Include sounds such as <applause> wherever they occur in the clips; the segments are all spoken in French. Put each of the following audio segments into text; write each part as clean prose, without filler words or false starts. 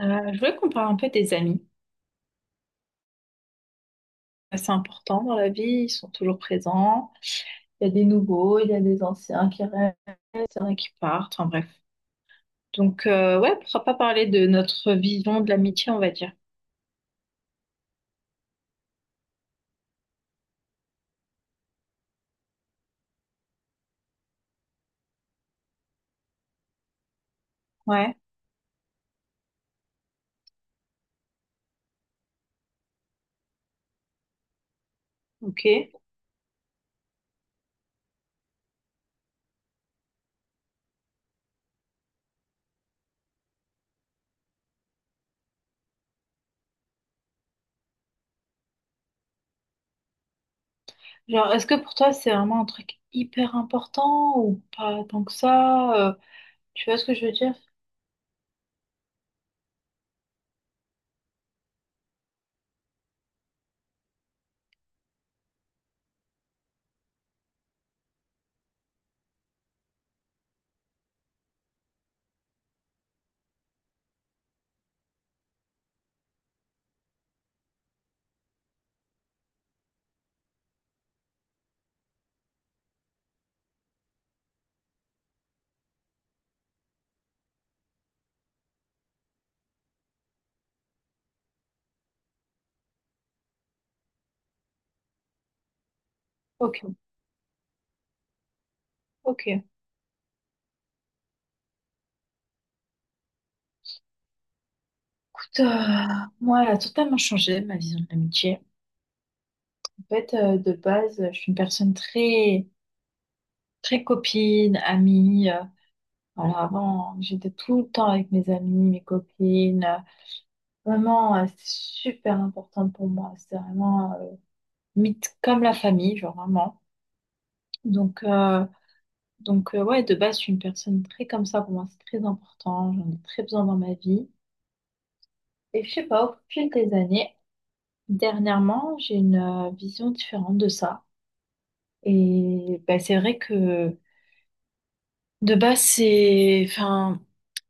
Je voulais qu'on parle un peu des amis. C'est important dans la vie, ils sont toujours présents. Il y a des nouveaux, il y a des anciens qui restent, il y en a qui partent, enfin bref. Donc, ouais, pourquoi pas parler de notre vision de l'amitié, on va dire. Ouais, ok. Genre, est-ce que pour toi, c'est vraiment un truc hyper important ou pas tant que ça? Tu vois ce que je veux dire? Ok, ok. Écoute, moi, elle a totalement changé ma vision de l'amitié. En fait, de base, je suis une personne très, très copine, amie. Voilà, avant, j'étais tout le temps avec mes amis, mes copines. Vraiment, c'est super important pour moi. C'est vraiment mythe comme la famille, genre vraiment. Donc, euh, donc, ouais, de base, je suis une personne très comme ça. Pour moi, c'est très important. J'en ai très besoin dans ma vie. Et je sais pas, au fil des années, dernièrement, j'ai une vision différente de ça. Et ben, c'est vrai que de base, c'est, enfin,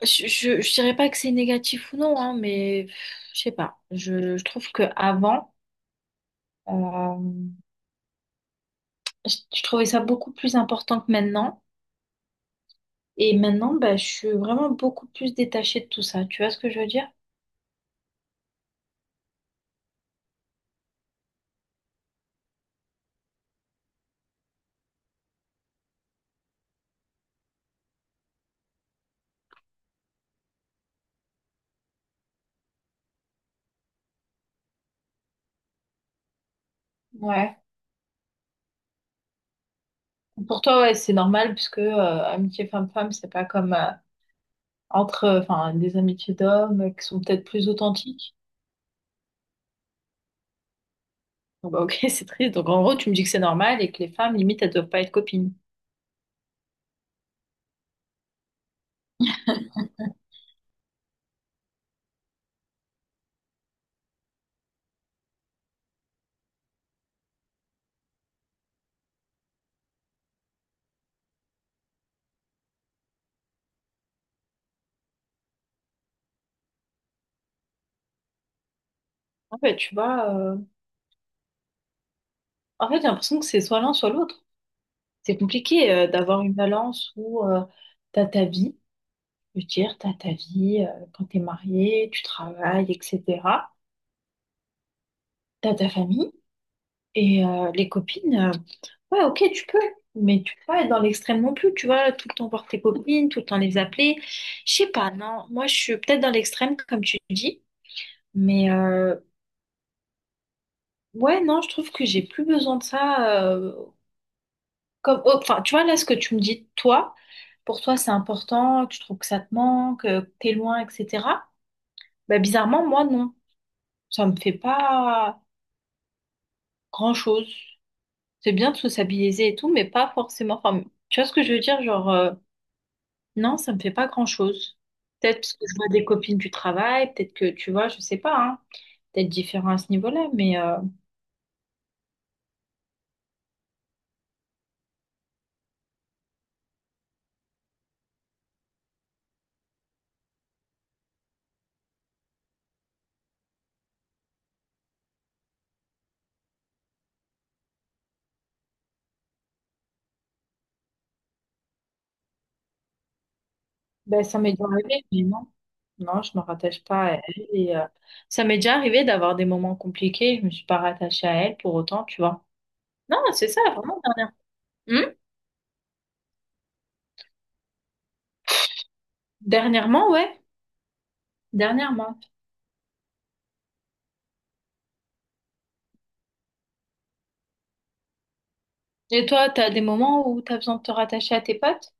je dirais pas que c'est négatif ou non, hein, mais je sais pas. Je trouve que avant, euh, je trouvais ça beaucoup plus important que maintenant. Et maintenant, bah, je suis vraiment beaucoup plus détachée de tout ça. Tu vois ce que je veux dire? Ouais. Pour toi, ouais, c'est normal puisque amitié femme-femme, c'est pas comme entre, enfin, des amitiés d'hommes qui sont peut-être plus authentiques. Donc, bah, ok, <laughs> c'est triste. Donc, en gros, tu me dis que c'est normal et que les femmes, limite, elles doivent pas être copines. En fait, tu vois. En fait, j'ai l'impression que c'est soit l'un, soit l'autre. C'est compliqué d'avoir une balance où t'as ta vie, je veux dire, t'as ta vie quand t'es marié, tu travailles, etc. T'as ta famille et les copines. Ouais, ok, tu peux, mais tu peux pas être dans l'extrême non plus, tu vois, tout le temps voir tes copines, tout le temps les appeler. Je sais pas, non. Moi, je suis peut-être dans l'extrême, comme tu dis, mais ouais, non, je trouve que j'ai plus besoin de ça. Comme, oh, enfin, tu vois, là, ce que tu me dis, toi, pour toi, c'est important, tu trouves que ça te manque, que t'es loin, etc. Bah, bizarrement, moi, non. Ça me fait pas grand-chose. C'est bien de sociabiliser et tout, mais pas forcément. Enfin, tu vois ce que je veux dire? Genre, non, ça me fait pas grand-chose. Peut-être parce que je vois des copines du travail, peut-être que, tu vois, je sais pas, hein, peut-être différent à ce niveau-là, mais... Ben, ça m'est déjà arrivé, mais non. Non, je me rattache pas à elle. Et, ça m'est déjà arrivé d'avoir des moments compliqués. Je me suis pas rattachée à elle pour autant, tu vois. Non, c'est ça, vraiment dernière. Hmm. Dernièrement, ouais. Dernièrement. Et toi, t'as des moments où t'as besoin de te rattacher à tes potes?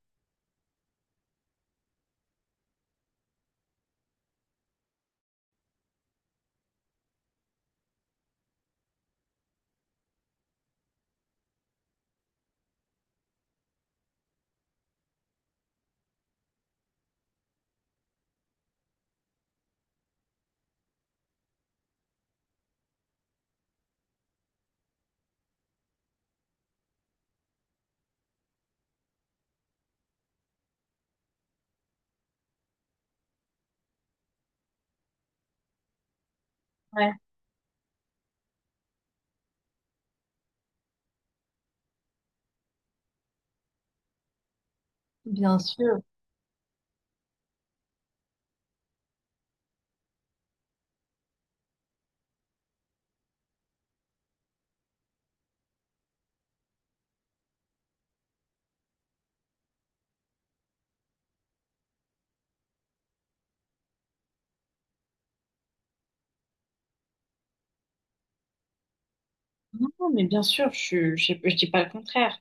Ouais, bien sûr. Non, non, mais bien sûr, je dis pas le contraire.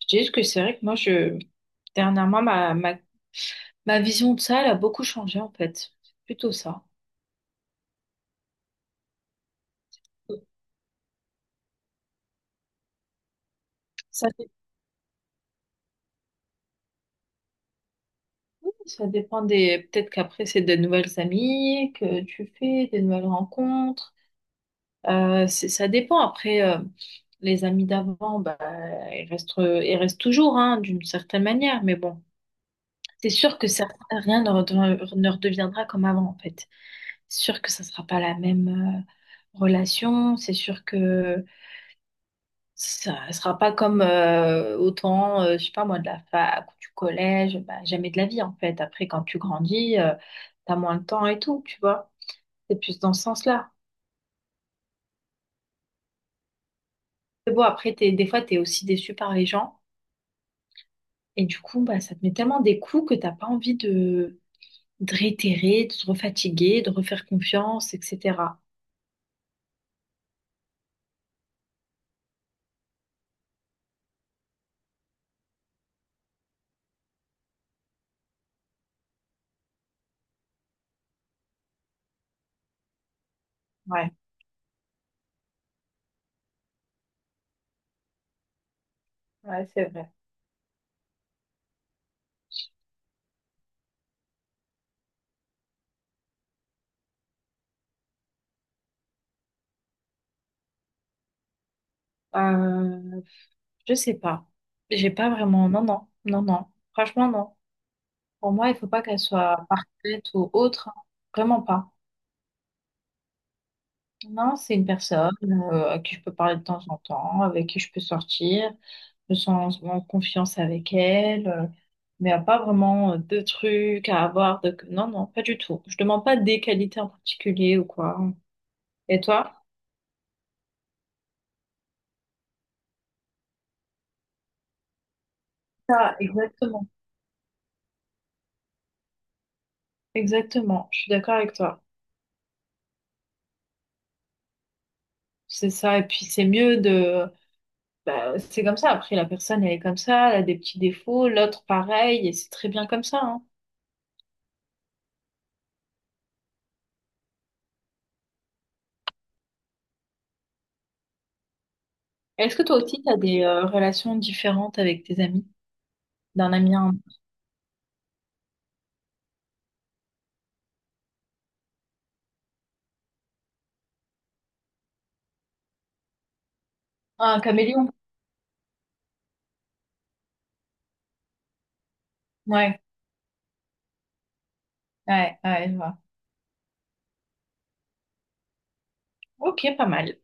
Je dis juste que c'est vrai que moi, je, dernièrement, ma vision de ça, elle a beaucoup changé, en fait. C'est plutôt ça. Ça, fait ça dépend des. Peut-être qu'après, c'est de nouvelles amies que tu fais, des nouvelles rencontres. C'est- ça dépend. Après, les amis d'avant, bah, ils restent toujours, hein, d'une certaine manière. Mais bon, c'est sûr que certains- rien ne redev- ne redeviendra comme avant, en fait. C'est sûr que ça sera pas la même, relation. C'est sûr que ça sera pas comme autant, je sais pas moi, de la fac ou du collège, bah, jamais de la vie en fait. Après, quand tu grandis, t'as moins de temps et tout, tu vois. C'est plus dans ce sens-là. C'est bon, après, t'es, des fois, t'es aussi déçu par les gens. Et du coup, bah, ça te met tellement des coups que t'as pas envie de réitérer, de te refatiguer, de refaire confiance, etc. Ouais, ouais, c'est vrai. Euh, je sais pas. J'ai pas vraiment. Non, non, non, non. Franchement, non. Pour moi, il faut pas qu'elle soit parfaite ou autre, hein. Vraiment pas. Non, c'est une personne à qui je peux parler de temps en temps, avec qui je peux sortir, je me sens en confiance avec elle, mais y a pas vraiment de trucs à avoir. De... Non, non, pas du tout. Je demande pas des qualités en particulier ou quoi. Et toi? Ça, exactement. Exactement, je suis d'accord avec toi. C'est ça, et puis c'est mieux de... Bah, c'est comme ça, après la personne, elle est comme ça, elle a des petits défauts, l'autre pareil, et c'est très bien comme ça, hein. Est-ce que toi aussi, tu as des relations différentes avec tes amis, d'un ami à un caméléon? Ouais, ouais, ouais, je vois. Ok, pas mal.